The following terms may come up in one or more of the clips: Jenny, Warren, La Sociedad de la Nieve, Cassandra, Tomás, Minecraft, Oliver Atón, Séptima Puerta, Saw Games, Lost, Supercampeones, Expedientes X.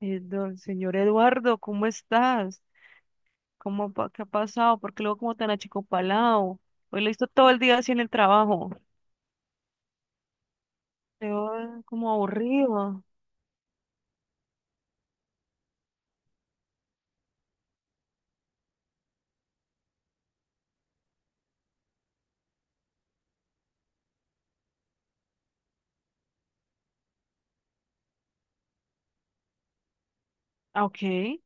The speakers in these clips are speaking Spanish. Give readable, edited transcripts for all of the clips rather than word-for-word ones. Don señor Eduardo, ¿cómo estás? ¿Cómo, qué ha pasado? ¿Por qué luego como tan achicopalado? Hoy lo hizo todo el día así en el trabajo. Te veo como aburrido. Ah, ok.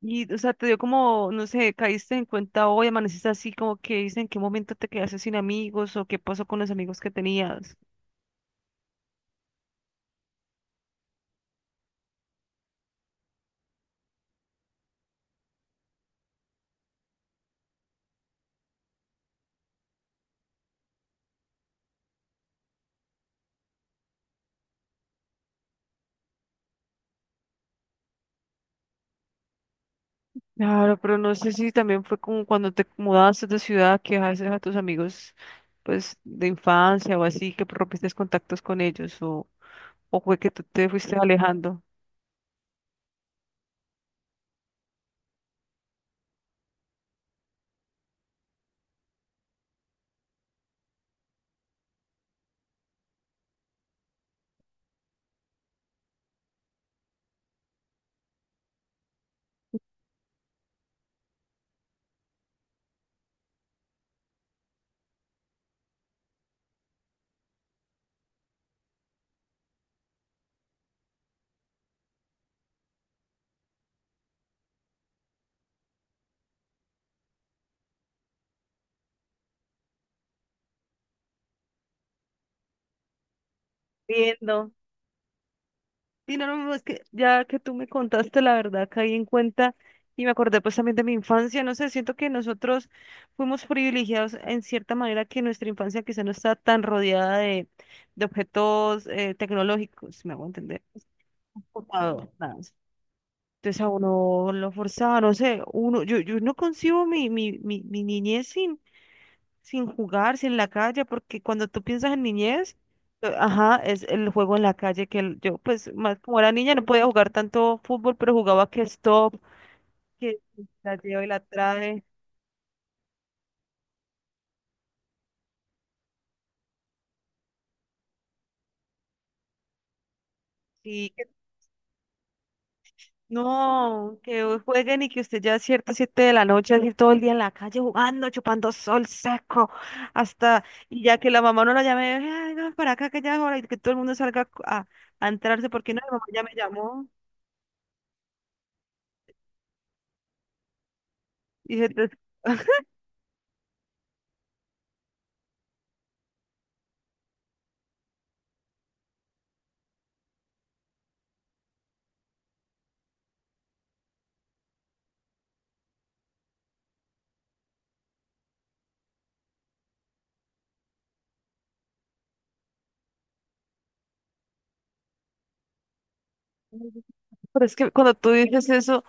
Y, o sea, te dio como, no sé, caíste en cuenta hoy, amaneciste así, como que dice en qué momento te quedaste sin amigos o qué pasó con los amigos que tenías. Claro, pero no sé si también fue como cuando te mudaste de ciudad, que dejaste a tus amigos, pues, de infancia o así, que rompiste contactos con ellos o... ¿O fue que tú te fuiste alejando? Viendo. Y no, no, no, es que ya que tú me contaste la verdad, caí en cuenta y me acordé pues también de mi infancia, no sé, siento que nosotros fuimos privilegiados en cierta manera que nuestra infancia quizá no está tan rodeada de objetos tecnológicos, si me hago entender. Computador, nada más. Entonces a uno lo forzaba, no sé, uno, yo no concibo mi niñez sin sin jugar, sin la calle, porque cuando tú piensas en niñez, ajá, es el juego en la calle que yo, pues, más como era niña, no podía jugar tanto fútbol, pero jugaba que stop, que la lleva y la trae, sí, que no, que hoy jueguen y que usted ya a ciertas siete de la noche, así todo el día en la calle jugando, chupando sol seco, hasta, y ya que la mamá no la llame, ay, no, para acá que ya es hora, y que todo el mundo salga a entrarse, porque no, la mamá ya me llamó, y pero es que cuando tú dices eso,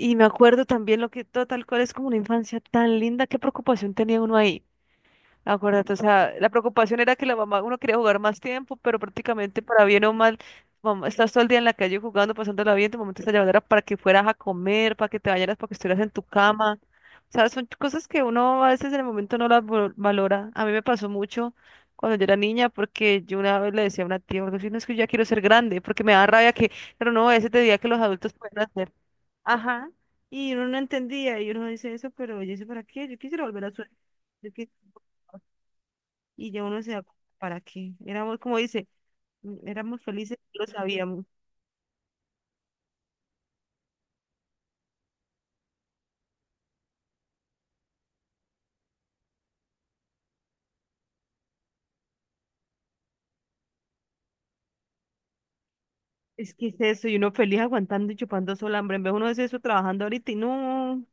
y me acuerdo también lo que tal cual es como una infancia tan linda, qué preocupación tenía uno ahí. Acuérdate, o sea, la preocupación era que la mamá, uno quería jugar más tiempo, pero prácticamente para bien o mal, mamá, estás todo el día en la calle jugando, pasándola bien, tu mamá te está llamando para que fueras a comer, para que te bañaras, para que estuvieras en tu cama. O sea, son cosas que uno a veces en el momento no las valora. A mí me pasó mucho cuando yo era niña, porque yo una vez le decía a una tía, "Gordo, si no es que yo ya quiero ser grande, porque me da rabia que, pero no, ese te diría que los adultos pueden hacer. Ajá. Y uno no entendía, y uno dice eso, pero yo sé para qué, yo quisiera volver a su... yo quis- Y ya uno se da cuenta, ¿para qué? Éramos, como dice, éramos felices, no lo sabíamos. Es que es eso, y uno feliz aguantando y chupando sol, hambre. En vez uno de eso trabajando ahorita y no.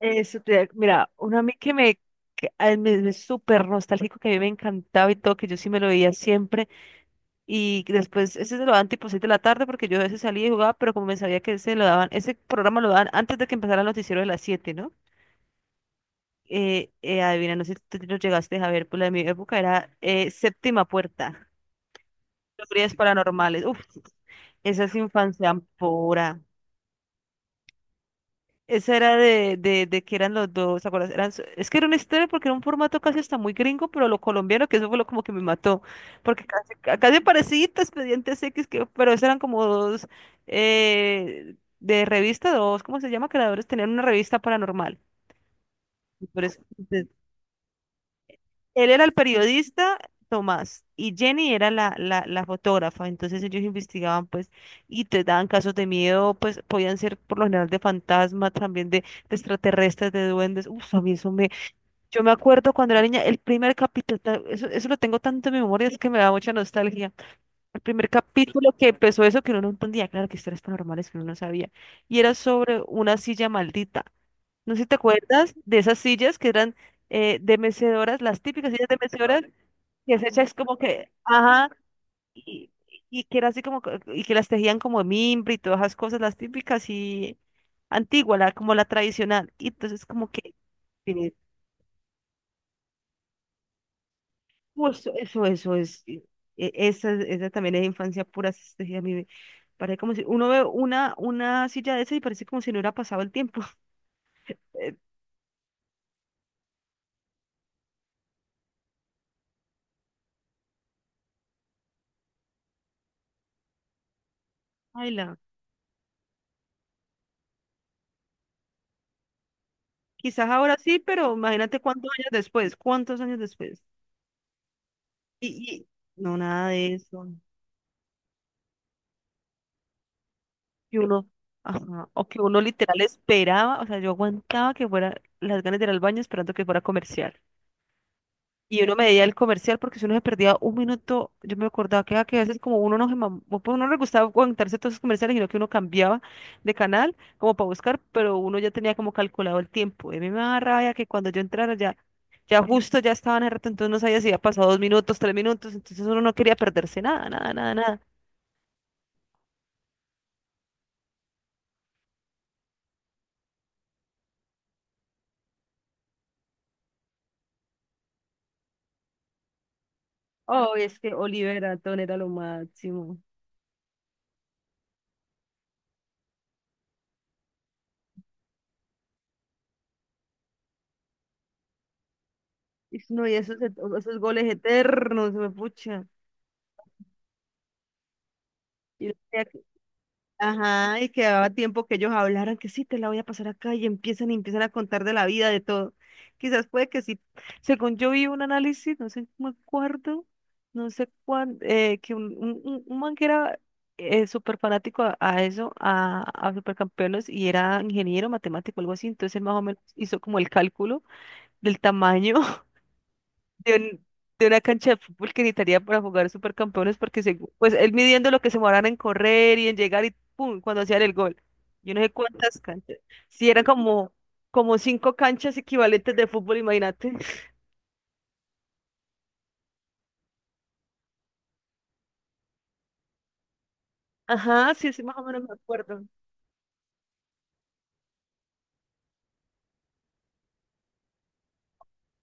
Eso, mira, uno a mí que me, que, ay, me súper nostálgico, que a mí me encantaba y todo, que yo sí me lo veía siempre. Y después, ese se lo daban tipo 6 de la tarde, porque yo a veces salía y jugaba, pero como me sabía que ese lo daban, ese programa lo daban antes de que empezara el noticiero de las 7, ¿no? Adivina, no sé si tú lo llegaste a ver, pues la de mi época era Séptima Puerta, historias paranormales. Uf, esa es infancia pura. Esa era de que eran los dos, ¿te acuerdas? Eran, es que era una historia porque era un formato casi hasta muy gringo, pero lo colombiano, que eso fue lo como que me mató, porque casi, casi parecido a Expedientes X, que, pero esos eran como dos de revista, dos, ¿cómo se llama? Creadores, tenían una revista paranormal. Y por eso, pues, él era el periodista, Tomás, y Jenny era la, la, la fotógrafa. Entonces ellos investigaban, pues, y te daban casos de miedo, pues, podían ser por lo general de fantasmas, también de extraterrestres, de duendes. Uf, a mí eso me... Yo me acuerdo cuando era niña, el primer capítulo, eso, eso lo tengo tanto en mi memoria, es que me da mucha nostalgia. El primer capítulo que empezó eso, que uno no entendía, claro, que historias paranormales que uno no sabía, y era sobre una silla maldita. No sé si te acuerdas de esas sillas que eran de mecedoras, las típicas sillas de mecedoras, y es hecha es como que, ajá, y, y que era así como, y que las tejían como de mimbre y todas esas cosas, las típicas y antigua, la, como la tradicional. Y entonces como que, tiene- pues, eso es, esa, esa también es infancia pura, esas tejidas, a mí me parece como si, uno ve una silla de esas y parece como si no hubiera pasado el tiempo. Eh, ay, la, quizás ahora sí, pero imagínate cuántos años después, cuántos años después. Y, y no, nada de eso. Que uno, ajá, o que uno literal esperaba, o sea, yo aguantaba que fuera las ganas de ir al baño esperando que fuera comercial. Y uno me veía el comercial porque si uno se perdía un minuto, yo me acordaba que, ah, que a veces como uno no se o pues uno no le gustaba aguantarse todos esos comerciales, sino que uno cambiaba de canal como para buscar, pero uno ya tenía como calculado el tiempo. Y a mí me daba rabia que cuando yo entrara ya, ya justo ya estaban en el rato, entonces no sabía si había pasado 2 minutos, 3 minutos, entonces uno no quería perderse nada, nada, nada, nada. Oh, es que Oliver Atón era lo máximo. Y no, y esos, esos goles eternos, me pucha. Y ajá, y quedaba tiempo que ellos hablaran que sí, te la voy a pasar acá y empiezan a contar de la vida, de todo. Quizás puede que sí. Según yo vi un análisis, no sé, no me acuerdo, no sé cuán, que un, un man que era súper fanático a eso, a Supercampeones, y era ingeniero matemático, algo así, entonces él más o menos hizo como el cálculo del tamaño de, de una cancha de fútbol que necesitaría para jugar supercampeones, pues él midiendo lo que se demoraran en correr y en llegar y pum, cuando hacían el gol. Yo no sé cuántas canchas. Si eran como, como 5 canchas equivalentes de fútbol, imagínate. Ajá, sí, sí, más o menos me acuerdo.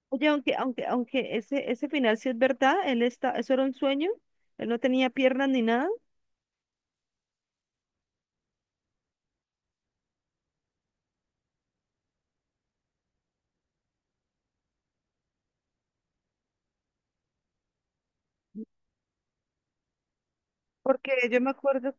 Oye, aunque ese final sí es verdad, él está, eso era un sueño, él no tenía piernas ni nada, porque yo me acuerdo.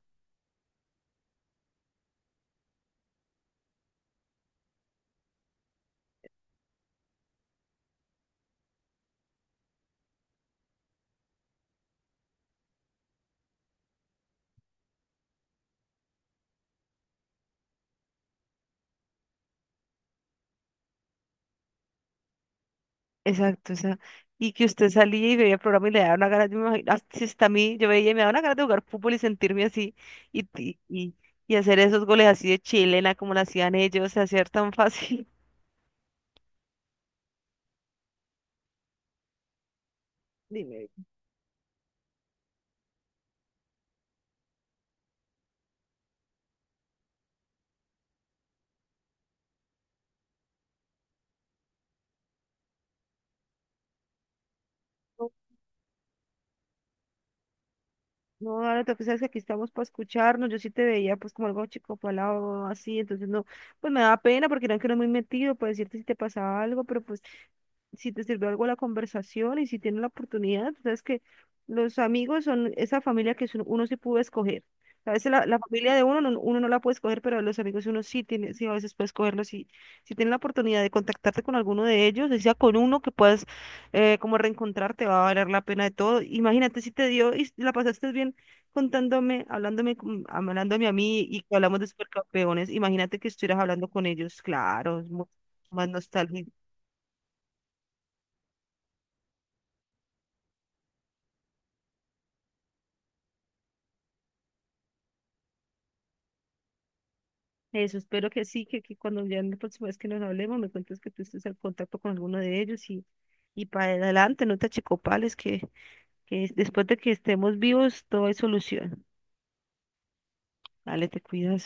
Exacto, o sea, y que usted salía y veía el programa y le daba una gana, yo me imagino, así está a mí, yo veía y me daba una gana de jugar fútbol y sentirme así, y, y, y, y hacer esos goles así de chilena como lo hacían ellos, hacer tan fácil. Dime, no, no, ahora tú sabes que aquí estamos para escucharnos, yo sí te veía pues como algo chico palado así, entonces no, pues me daba pena porque eran que no muy metido, para decirte si te pasaba algo, pero pues si te sirvió algo la conversación y si tienes la oportunidad, tú sabes que los amigos son esa familia que uno sí pudo escoger. A veces la, la familia de uno, uno no la puede escoger, pero los amigos uno sí tiene, sí a veces puede escogerlos. Si si tienes la oportunidad de contactarte con alguno de ellos, decía con uno que puedas como reencontrarte, va a valer la pena de todo. Imagínate si te dio y la pasaste bien contándome, hablándome, hablándome a mí y que hablamos de supercampeones. Imagínate que estuvieras hablando con ellos, claro, más nostálgico. Eso, espero que sí, que cuando ya la próxima vez que nos hablemos me cuentes que tú estés en contacto con alguno de ellos y para adelante, no te achicopales, que después de que estemos vivos todo hay solución. Dale, te cuidas.